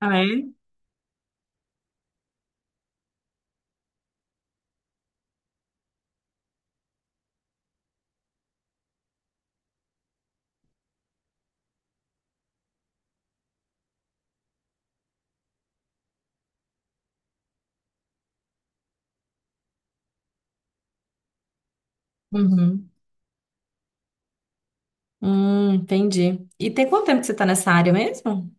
Ah, é? Uhum. Entendi. E tem quanto tempo que você tá nessa área mesmo?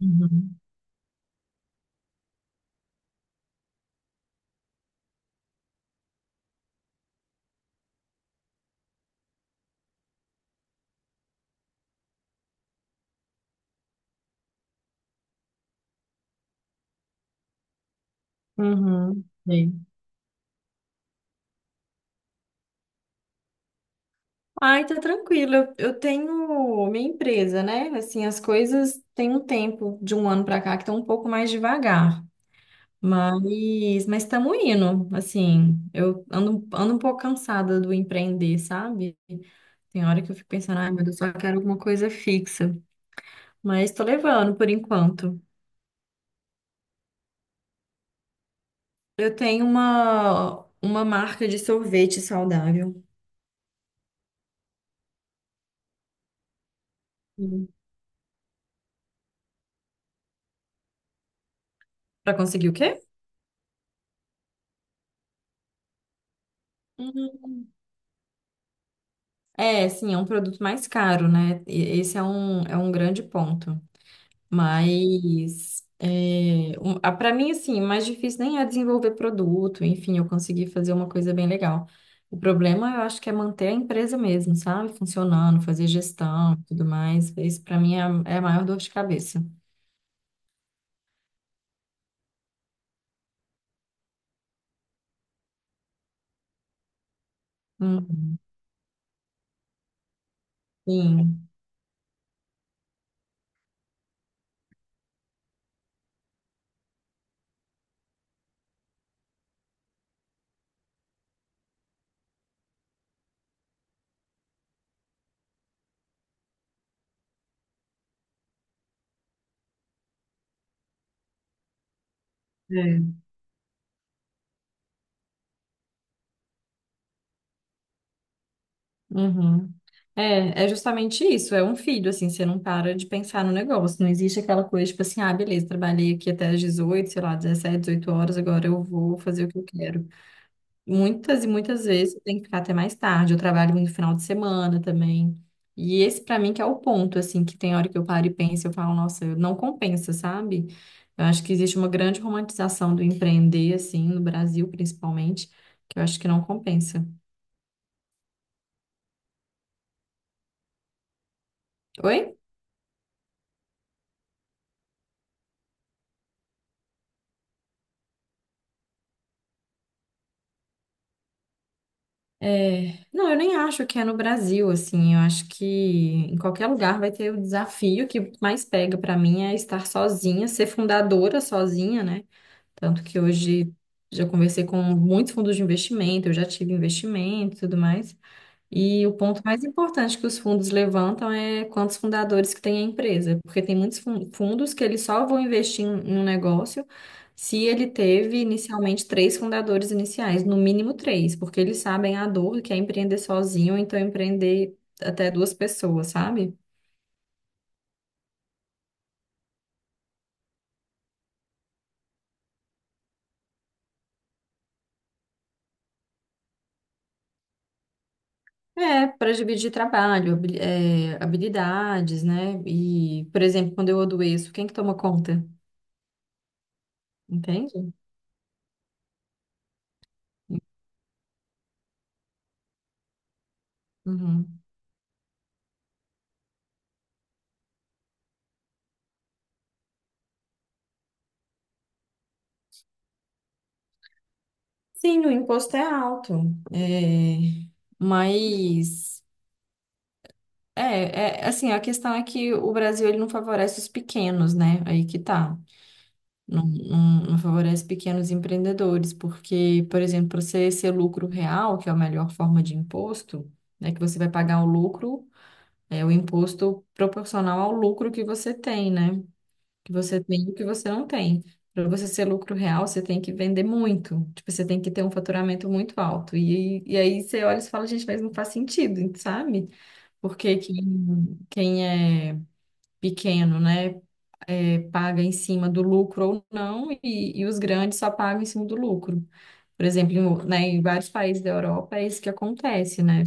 Uhum. Uhum. Bem. Ai, tá tranquilo. Eu tenho minha empresa, né? Assim, as coisas têm um tempo de um ano pra cá que estão um pouco mais devagar. Mas, estamos indo. Assim, eu ando um pouco cansada do empreender, sabe? Tem hora que eu fico pensando, ai, meu Deus, eu só quero alguma coisa fixa. Mas tô levando por enquanto. Eu tenho uma marca de sorvete saudável. Hum. Pra conseguir o quê? Hum. É, sim, é um produto mais caro, né? E- é um grande ponto. Mas, para mim, assim, o mais difícil nem é desenvolver produto, enfim, eu consegui fazer uma coisa bem legal. O problema, eu acho que é manter a empresa mesmo, sabe? Funcionando, fazer gestão e tudo mais. Isso, para mim, é a maior dor de cabeça. Uhum. Sim. Uhum. É, é justamente isso, é um filho, assim, você não para de pensar no negócio, não existe aquela coisa, tipo assim, ah, beleza, trabalhei aqui até as 18, sei lá, 17 18 horas, agora eu vou fazer o que eu quero. Muitas e muitas vezes você tem que ficar até mais tarde, eu trabalho no final de semana também, e esse pra mim que é o ponto, assim, que tem hora que eu paro e penso, eu falo, nossa, não compensa, sabe? Eu acho que existe uma grande romantização do empreender, assim, no Brasil principalmente, que eu acho que não compensa. Oi? É, não, eu nem acho que é no Brasil, assim, eu acho que em qualquer lugar vai ter o desafio que mais pega pra mim é estar sozinha, ser fundadora sozinha, né? Tanto que hoje já conversei com muitos fundos de investimento, eu já tive investimento e tudo mais. E o ponto mais importante que os fundos levantam é quantos fundadores que tem a empresa, porque tem muitos fundos que eles só vão investir em um negócio se ele teve inicialmente três fundadores iniciais, no mínimo três, porque eles sabem a dor que é empreender sozinho, então empreender até duas pessoas, sabe? É, para dividir trabalho, habilidades, né? E, por exemplo, quando eu adoeço, quem que toma conta? Entende? Uhum. Sim, o imposto é alto, é, mas é assim, a questão é que o Brasil ele não favorece os pequenos, né? Aí que tá. Não, não favorece pequenos empreendedores, porque, por exemplo, para você ser lucro real, que é a melhor forma de imposto, né? Que você vai pagar o lucro, é o imposto proporcional ao lucro que você tem, né? Que você tem e o que você não tem. Para você ser lucro real, você tem que vender muito. Tipo, você tem que ter um faturamento muito alto. E aí você olha e você fala, gente, mas não faz sentido, sabe? Porque quem é pequeno, né, é, paga em cima do lucro ou não, e os grandes só pagam em cima do lucro. Por exemplo, em, né, em vários países da Europa é isso que acontece, né?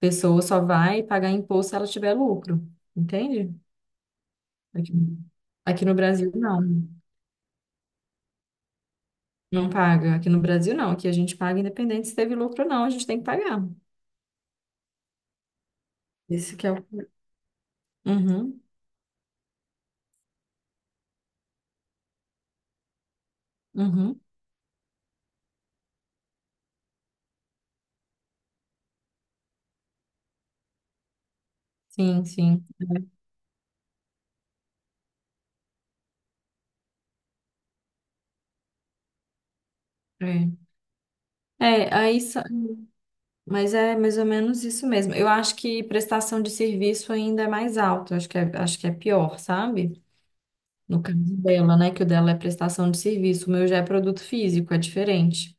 Pessoa só vai pagar imposto se ela tiver lucro, entende? Aqui, no Brasil, não. Não paga. Aqui no Brasil, não. Aqui a gente paga independente se teve lucro ou não, a gente tem que pagar. Esse que é o. Uhum, uhum. Sim, sim. É aí, mas é mais ou menos isso mesmo. Eu acho que prestação de serviço ainda é mais alto. Acho que é pior, sabe? No caso dela, né? Que o dela é prestação de serviço. O meu já é produto físico, é diferente.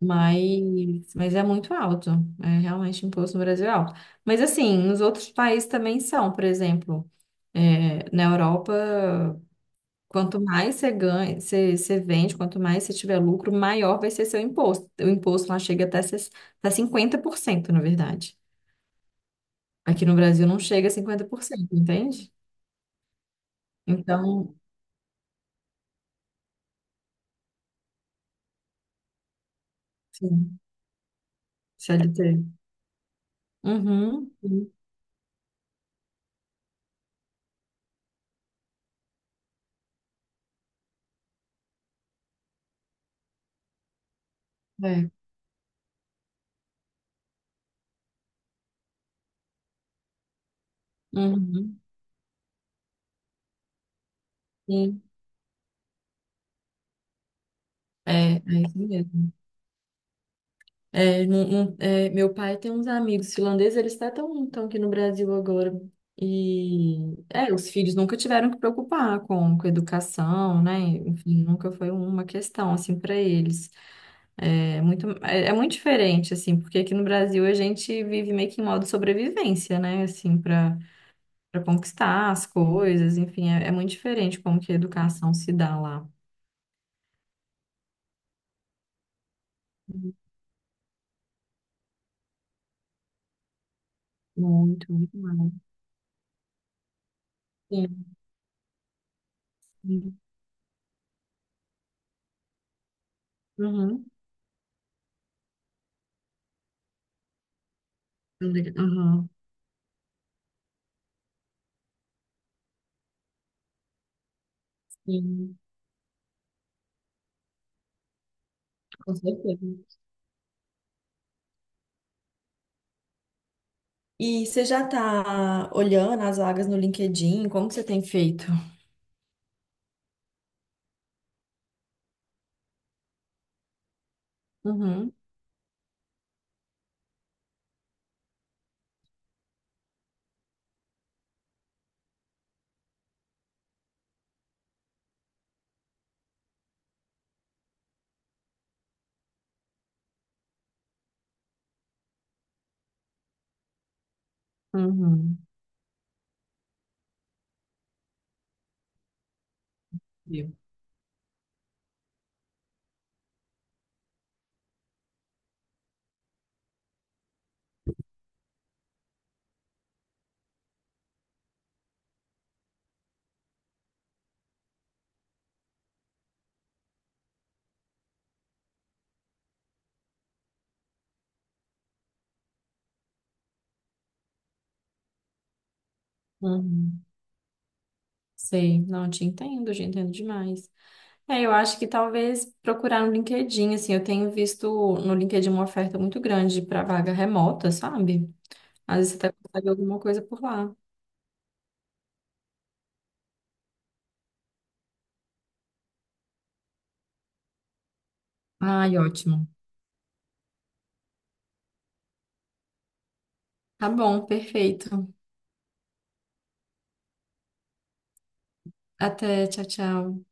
Mas é muito alto. É realmente o imposto no Brasil é alto. Mas assim, nos outros países também são, por exemplo, é, na Europa, quanto mais você ganha, você vende, quanto mais você tiver lucro, maior vai ser seu imposto. O imposto lá chega até 50% na verdade. Aqui no Brasil não chega a 50%, entende? Então, sim, CLT. Uhum, sim, é. Uhum, sim, é, é isso mesmo. É, meu pai tem uns amigos finlandeses, eles até estão aqui no Brasil agora. E os filhos nunca tiveram que preocupar com educação, né? Enfim, nunca foi uma questão assim para eles. É muito diferente assim, porque aqui no Brasil a gente vive meio que em modo sobrevivência, né? Assim, para conquistar as coisas, enfim, é muito diferente como que a educação se dá lá. Muito, muito mais. Sim. Uhum. Uhum. Sim. Com certeza. E você já está olhando as vagas no LinkedIn? Como que você tem feito? Uhum, uhum. Viu? Uhum. Sei, não te entendo, te entendo demais. É, eu acho que talvez procurar no LinkedIn, assim, eu tenho visto no LinkedIn uma oferta muito grande para vaga remota, sabe? Às vezes você até consegue alguma coisa por lá. Ai, ótimo. Tá bom, perfeito. Até, tchau, tchau.